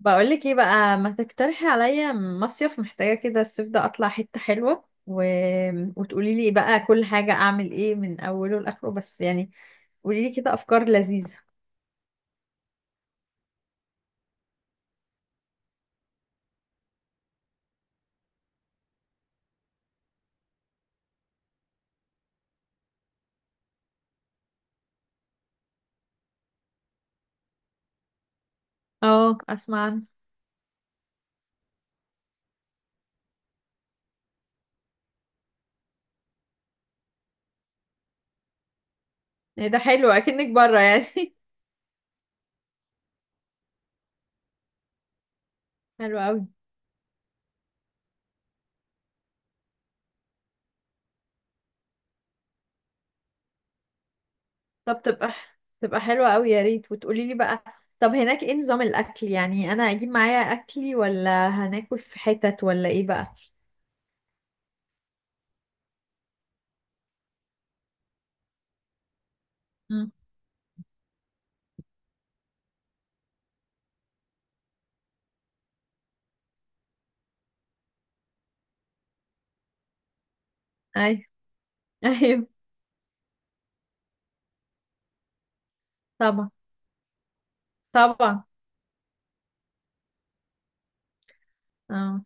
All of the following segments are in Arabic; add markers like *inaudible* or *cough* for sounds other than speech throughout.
بقولك ايه بقى؟ ما تقترحي عليا مصيف، محتاجة كده الصيف ده اطلع حتة حلوة و... وتقولي لي بقى كل حاجة اعمل ايه من اوله لاخره، بس يعني قولي لي كده افكار لذيذة. اه، اسمع عنه. ايه ده حلو، اكنك بره يعني. *laughs* حلو قوي. طب تبقى حلوة قوي يا ريت، وتقولي لي بقى. طب هناك ايه نظام الاكل؟ يعني انا اجيب معايا اكلي، ولا هناكل في حتت، ولا ايه بقى؟ امم. ايوه. *laughs* ايوه. طبعا. طبعا. اه.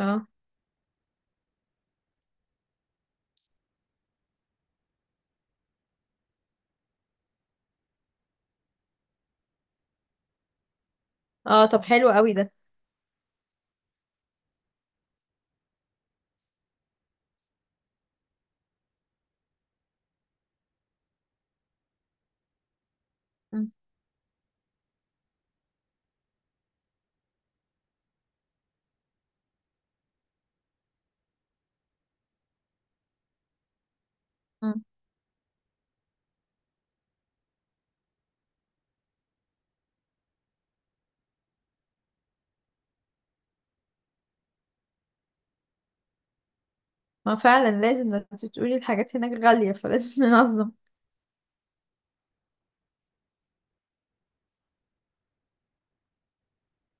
اه. اه، طب حلو قوي ده. مم. مم. ما فعلا لازم ده، انت تقولي الحاجات هناك غالية فلازم *laughs* ننظم.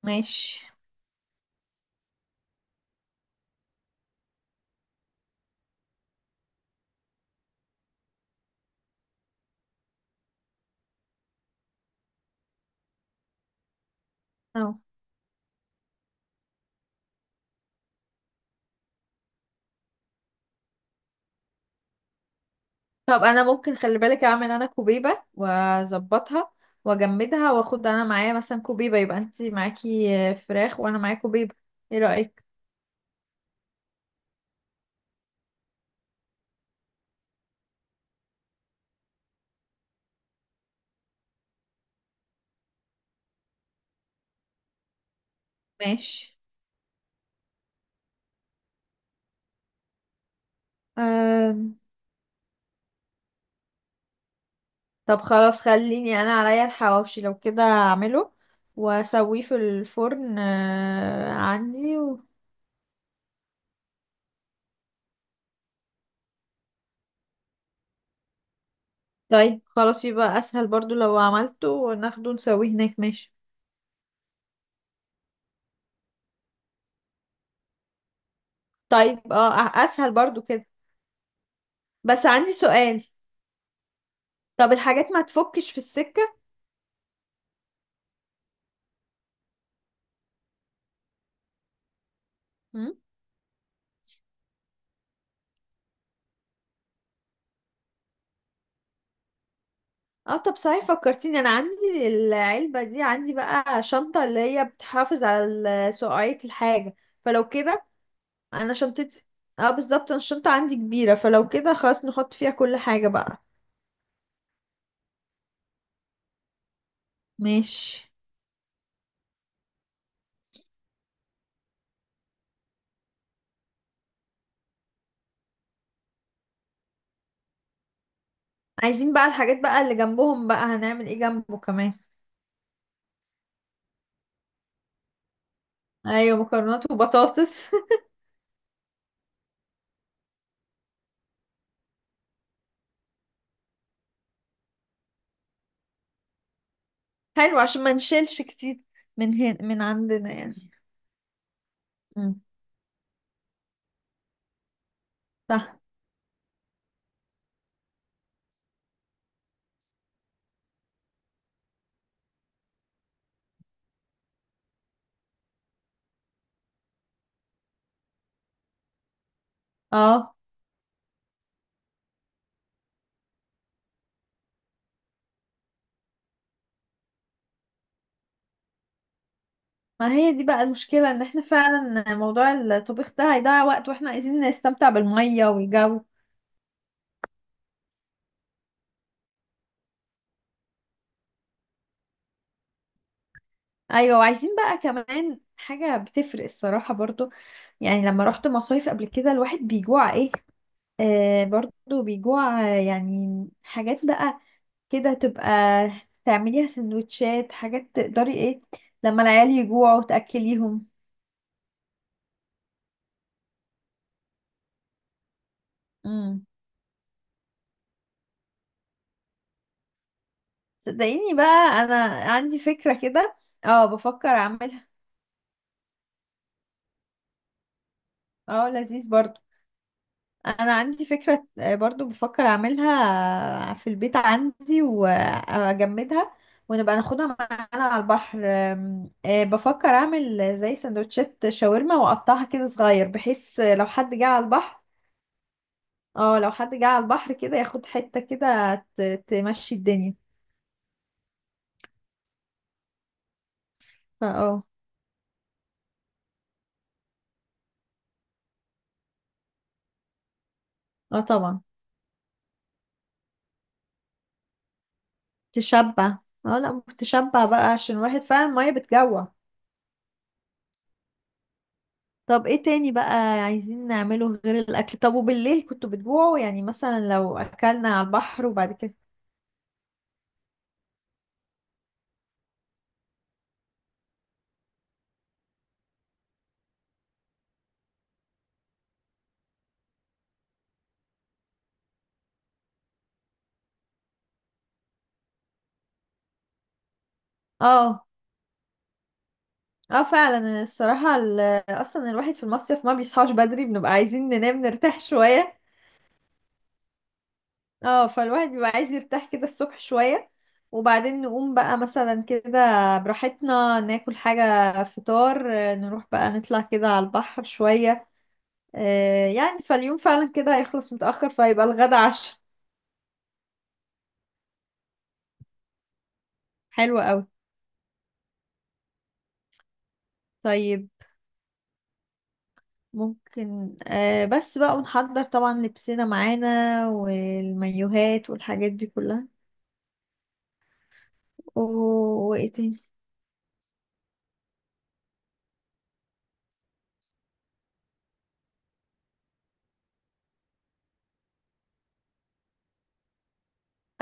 ماشي. اهو. طب انا ممكن، خلي بالك، اعمل انا كوبيبة واظبطها واجمدها، واخد انا معايا مثلا كوبيبة، يبقى انت معاكي فراخ وانا معايا كوبيبة. ايه رأيك؟ ماشي. أم. طب خلاص خليني انا عليا الحواوشي، لو كده اعمله واسويه في الفرن، عندي طيب خلاص، يبقى اسهل برضو لو عملته وناخده نسويه هناك. ماشي. طيب اه، اسهل برضو كده. بس عندي سؤال. طب الحاجات ما تفكش في السكة؟ مم؟ اه، طب صحيح فكرتيني، انا عندي العلبة دي، عندي بقى شنطة اللي هي بتحافظ على سقعية الحاجة. فلو كده انا شنطتي. اه بالظبط، انا الشنطة عندي كبيرة، فلو كده خلاص نحط فيها كل حاجة بقى. ماشي. عايزين بقى الحاجات بقى اللي جنبهم بقى، هنعمل ايه جنبه كمان؟ ايوه، مكرونات وبطاطس. *laughs* حلو عشان ما نشيلش كتير، من هنا من عندنا يعني. مم. صح. اه، ما هي دي بقى المشكلة، ان احنا فعلا موضوع الطبيخ ده هيضيع وقت، واحنا عايزين نستمتع بالمية والجو. ايوه، وعايزين بقى كمان حاجة بتفرق الصراحة برضو. يعني لما رحت مصايف قبل كده الواحد بيجوع، ايه، برضو بيجوع. يعني حاجات بقى كده، تبقى تعمليها سندوتشات، حاجات تقدري، ايه لما العيال يجوعوا تأكليهم. امم. صدقيني بقى، انا عندي فكرة كده. اه، بفكر اعملها. اه لذيذ برضو. انا عندي فكرة، برضو بفكر اعملها في البيت عندي واجمدها، ونبقى ناخدها معانا على البحر. آم، آه، بفكر اعمل زي سندوتشات شاورما، واقطعها كده صغير، بحيث لو حد جه على البحر. اه، لو حد جه على البحر كده ياخد حتة كده، تمشي الدنيا. فا اه اه طبعا. تشبع. اه لا، تشبع بقى عشان الواحد فعلا المية بتجوع. طب ايه تاني بقى عايزين نعمله غير الاكل؟ طب وبالليل كنتوا بتجوعوا؟ يعني مثلا لو اكلنا على البحر وبعد كده. اه. اه، فعلا الصراحة اصلا الواحد في المصيف ما بيصحاش بدري، بنبقى عايزين ننام نرتاح شوية. اه، فالواحد بيبقى عايز يرتاح كده الصبح شوية، وبعدين نقوم بقى مثلا كده براحتنا، ناكل حاجة فطار، نروح بقى نطلع كده على البحر شوية. يعني فاليوم فعلا كده هيخلص متأخر، فيبقى الغدا عشاء. حلو قوي. طيب. ممكن، بس بقى، ونحضر طبعا لبسنا معانا والمايوهات والحاجات دي كلها و... وايه تاني؟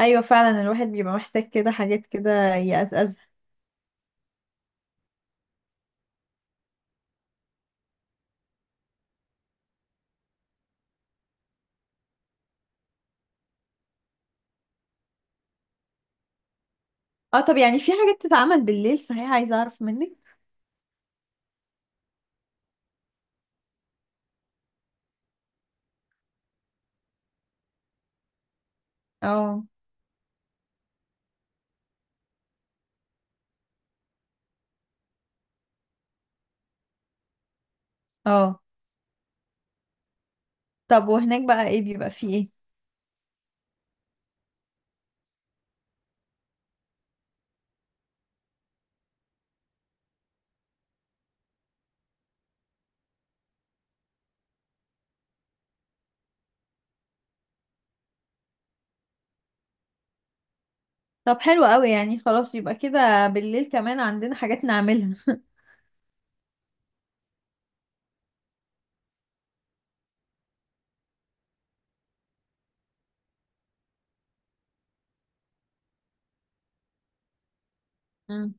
ايوه فعلا، الواحد بيبقى محتاج كده حاجات كده يقزقزها. اه، طب يعني في حاجات تتعمل بالليل صحيح؟ عايزه اعرف منك. اه. اه. طب وهناك بقى ايه، بيبقى فيه ايه؟ طب حلو قوي، يعني خلاص يبقى كده بالليل كمان عندنا حاجات نعملها. مم.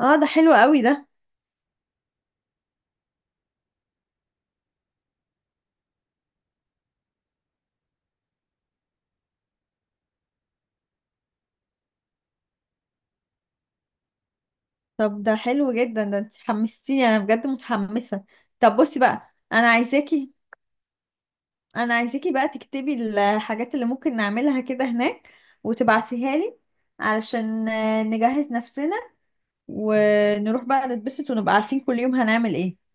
اه ده حلو قوي ده. طب ده حلو جدا ده، انت حمستيني انا، بجد متحمسه. طب بصي بقى، انا عايزاكي، انا عايزاكي بقى تكتبي الحاجات اللي ممكن نعملها كده هناك، وتبعتيها لي علشان نجهز نفسنا، ونروح بقى نتبسط، ونبقى عارفين كل يوم هنعمل ايه.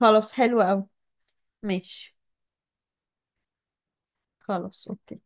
خلاص حلو قوي. ماشي. خلاص اوكي.